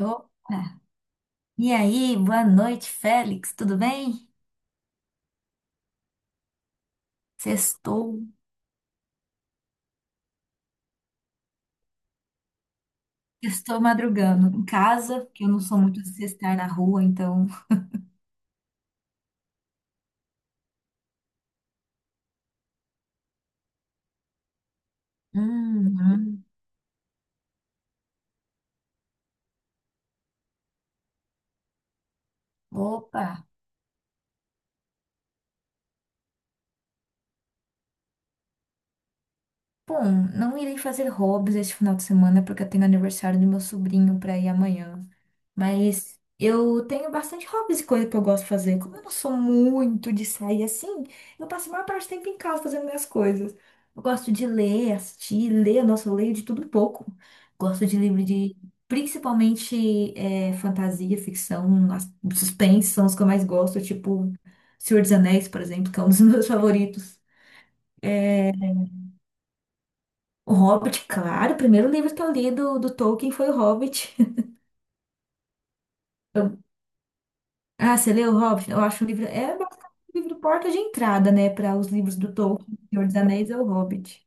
Opa! E aí, boa noite, Félix, tudo bem? Sextou. Estou madrugando em casa, porque eu não sou muito de sextar na rua, então. Uhum. Opa! Bom, não irei fazer hobbies este final de semana porque eu tenho aniversário do meu sobrinho para ir amanhã. Mas eu tenho bastante hobbies e coisa que eu gosto de fazer. Como eu não sou muito de sair assim, eu passo a maior parte do tempo em casa fazendo minhas coisas. Eu gosto de ler, assistir, ler. Nossa, eu leio de tudo um pouco. Gosto de livro de, principalmente, fantasia, ficção, suspense são os que eu mais gosto. Tipo, Senhor dos Anéis, por exemplo, que é um dos meus favoritos. O Hobbit, claro, o primeiro livro que eu li do Tolkien foi o Hobbit. Ah, você leu Hobbit? Eu acho o livro. É basicamente o livro porta de entrada, né? Para os livros do Tolkien, Senhor dos Anéis é o Hobbit.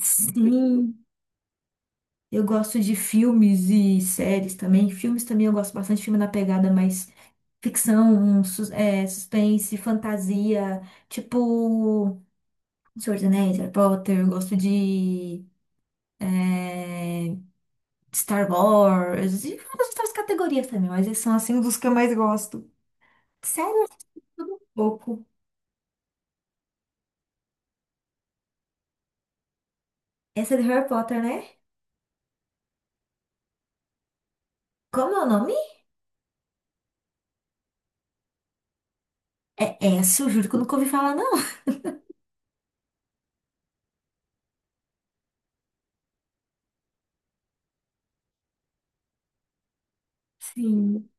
Sim, eu gosto de filmes e séries também. Filmes também eu gosto bastante, filme na pegada mais ficção, um suspense, fantasia, tipo Senhor dos Anéis, Harry Potter. Eu gosto de é, Star Wars e várias outras categorias também, mas esses são assim dos que eu mais gosto. Sério, eu assisto tudo um pouco. Essa é de Harry Potter, né? Como é o nome? É Esso, juro que eu nunca ouvi falar, não. Sim.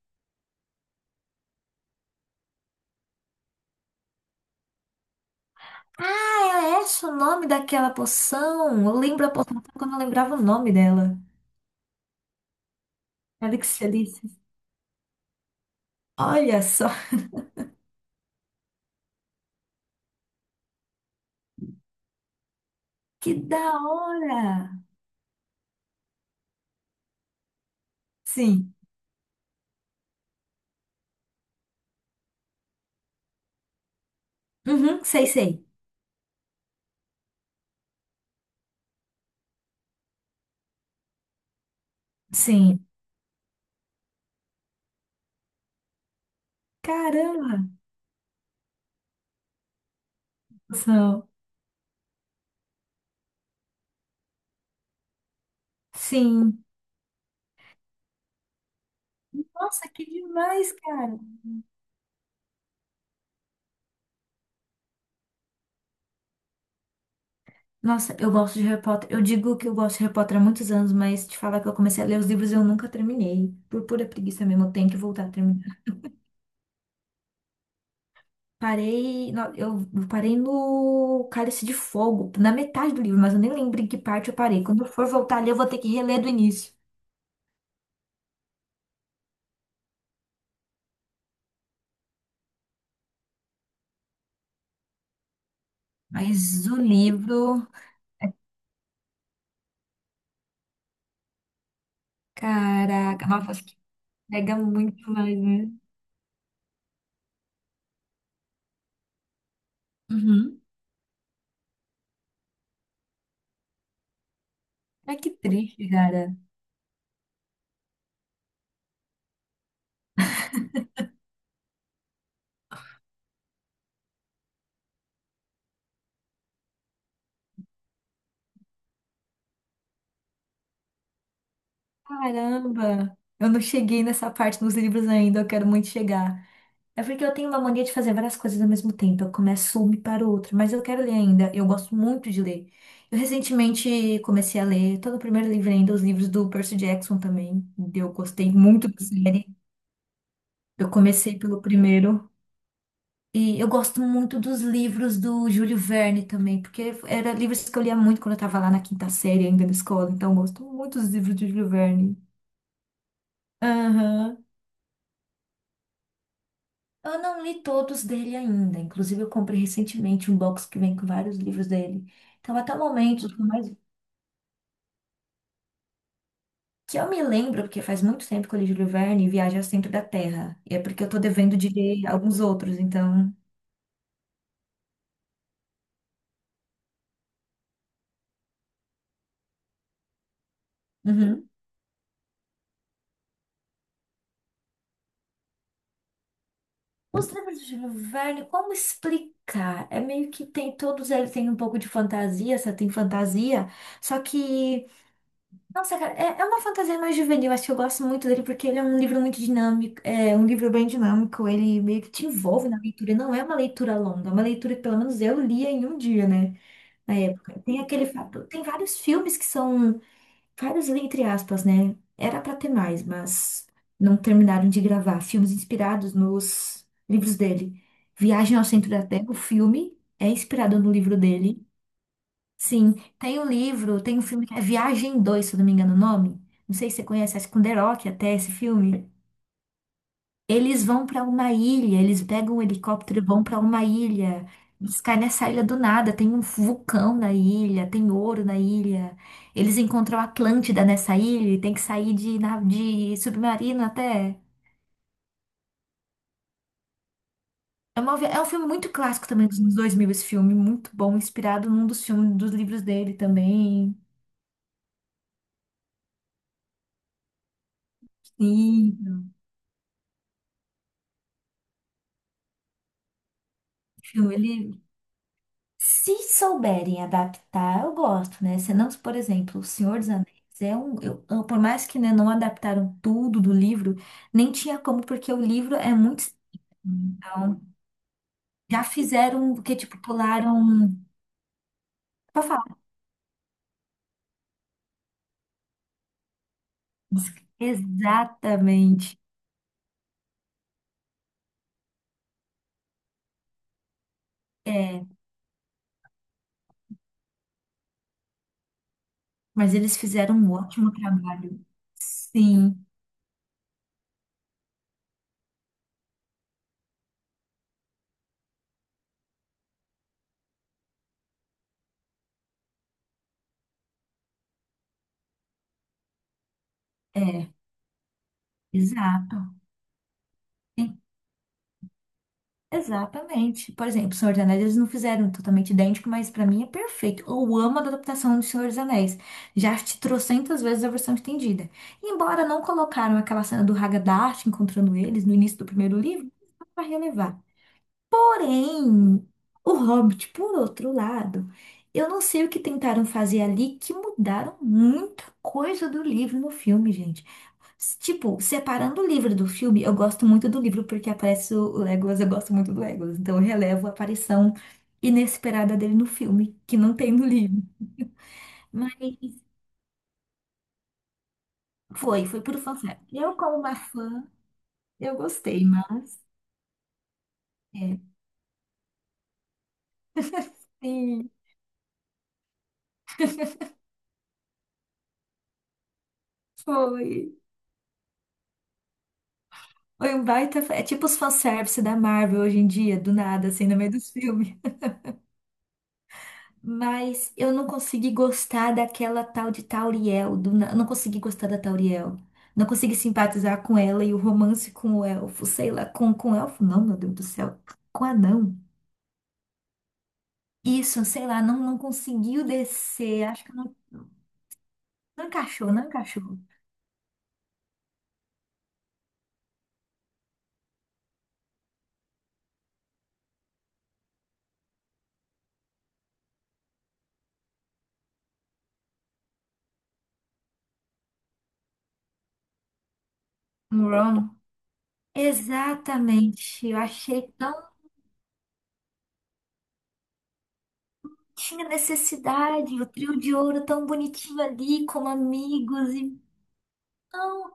Ah, é Esso o nome daquela poção. Eu lembro a poção só quando eu lembrava o nome dela. Olha que delícia. Olha só, que da hora. Sim. Uhum, sei, sei. Sim. Caramba, poção. Sim. Nossa, que demais, cara. Nossa, eu gosto de Harry Potter. Eu digo que eu gosto de Harry Potter há muitos anos, mas te falar que eu comecei a ler os livros e eu nunca terminei. Por pura preguiça mesmo, eu tenho que voltar a terminar. Parei, eu parei no Cálice de Fogo, na metade do livro, mas eu nem lembro em que parte eu parei. Quando eu for voltar ali, eu vou ter que reler do início. Mas o livro, caraca, nossa, acho que pega muito mais, né? Uhum. Ai, que triste, cara. Caramba, eu não cheguei nessa parte nos livros ainda, eu quero muito chegar. É porque eu tenho uma mania de fazer várias coisas ao mesmo tempo. Eu começo uma e paro outra, mas eu quero ler ainda. Eu gosto muito de ler. Eu recentemente comecei a ler, todo o primeiro livro ainda, os livros do Percy Jackson também. Eu gostei muito da série. Eu comecei pelo primeiro. E eu gosto muito dos livros do Júlio Verne também, porque eram livros que eu lia muito quando eu estava lá na quinta série ainda na escola. Então eu gosto muito dos livros do Júlio Verne. Aham. Eu não li todos dele ainda. Inclusive, eu comprei recentemente um box que vem com vários livros dele. Então, até o momento, por mais que eu me lembro, porque faz muito tempo que eu li Júlio Verne Viagem ao Centro da Terra. E é porque eu tô devendo de ler alguns outros, então. Uhum. Os livros de Júlio Verne, como explicar? É meio que tem todos eles têm um pouco de fantasia, só tem fantasia, só que. Nossa, cara, é uma fantasia mais juvenil. Acho que eu gosto muito dele porque ele é um livro muito dinâmico, é um livro bem dinâmico. Ele meio que te envolve na leitura. Não é uma leitura longa, é uma leitura que pelo menos eu lia em um dia, né? Na época. Tem aquele fato, tem vários filmes que são vários entre aspas, né? Era pra ter mais, mas não terminaram de gravar. Filmes inspirados nos livros dele. Viagem ao Centro da Terra, o filme é inspirado no livro dele. Sim, tem o livro, tem um filme que é Viagem 2 se eu não me engano o nome. Não sei se você conhece, acho que com The Rock até esse filme. Eles vão para uma ilha, eles pegam um helicóptero e vão para uma ilha. Eles caem nessa ilha do nada, tem um vulcão na ilha, tem ouro na ilha. Eles encontram a Atlântida nessa ilha e tem que sair de, de submarino até. É um filme muito clássico também dos anos 2000 esse filme, muito bom, inspirado num dos filmes, dos livros dele também. Sim. filme, ele Se souberem adaptar, eu gosto, né? Senão, por exemplo, O Senhor dos Anéis é um. Por mais que né, não adaptaram tudo do livro, nem tinha como, porque o livro é muito extenso. Então, já fizeram o que, tipo, pularam. Pra falar, exatamente. É, mas eles fizeram um ótimo trabalho. Sim, é, exato. Exatamente. Por exemplo, O Senhor dos Anéis, eles não fizeram totalmente idêntico, mas pra mim é perfeito. Eu amo a adaptação do Senhor dos Anéis. Já assisti trocentas vezes a versão estendida. Embora não colocaram aquela cena do Haggadah encontrando eles no início do primeiro livro, dá pra relevar. Porém, o Hobbit, por outro lado, eu não sei o que tentaram fazer ali que mudaram muita coisa do livro no filme, gente. Tipo, separando o livro do filme, eu gosto muito do livro porque aparece o Legolas, eu gosto muito do Legolas. Então eu relevo a aparição inesperada dele no filme, que não tem no livro. Mas foi puro fanservice. Eu, como uma fã, eu gostei, mas é, sim, foi. Foi um baita. É tipo os fanservice da Marvel hoje em dia, do nada, assim, no meio dos filmes. Mas eu não consegui gostar daquela tal de Tauriel. Não consegui gostar da Tauriel. Não consegui simpatizar com ela e o romance com o elfo. Sei lá, com o elfo não, meu Deus do céu. Com o anão. Isso, sei lá, não, não conseguiu descer. Acho que não, não encaixou, não encaixou. Um Ron. Exatamente. Eu achei tão. Tinha necessidade. O trio de ouro tão bonitinho ali, como amigos. E não.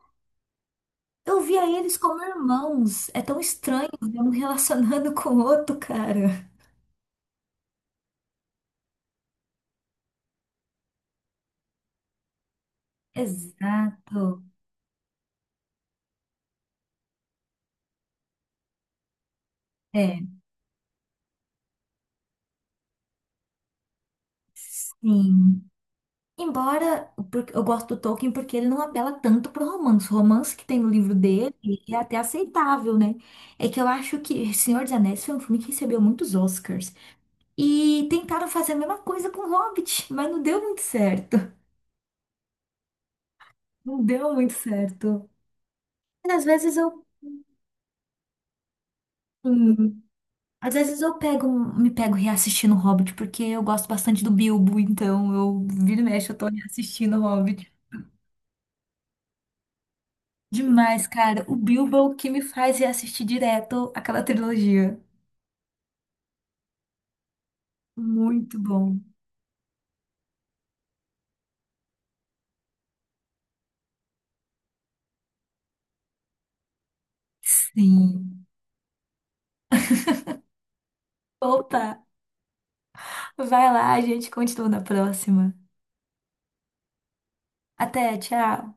Eu via eles como irmãos. É tão estranho ver um relacionando com o outro, cara. Exato. É, sim. Embora porque eu gosto do Tolkien porque ele não apela tanto pro romance. O romance que tem no livro dele é até aceitável, né? É que eu acho que Senhor dos Anéis foi um filme que recebeu muitos Oscars. E tentaram fazer a mesma coisa com Hobbit, mas não deu muito certo. Não deu muito certo. Mas às vezes eu. Às vezes eu pego, me pego reassistindo o Hobbit, porque eu gosto bastante do Bilbo, então eu viro e mexe, eu tô reassistindo o Hobbit. Demais, cara. O Bilbo é o que me faz reassistir direto aquela trilogia. Muito bom. Sim. Opa, vai lá, a gente continua na próxima. Até, tchau.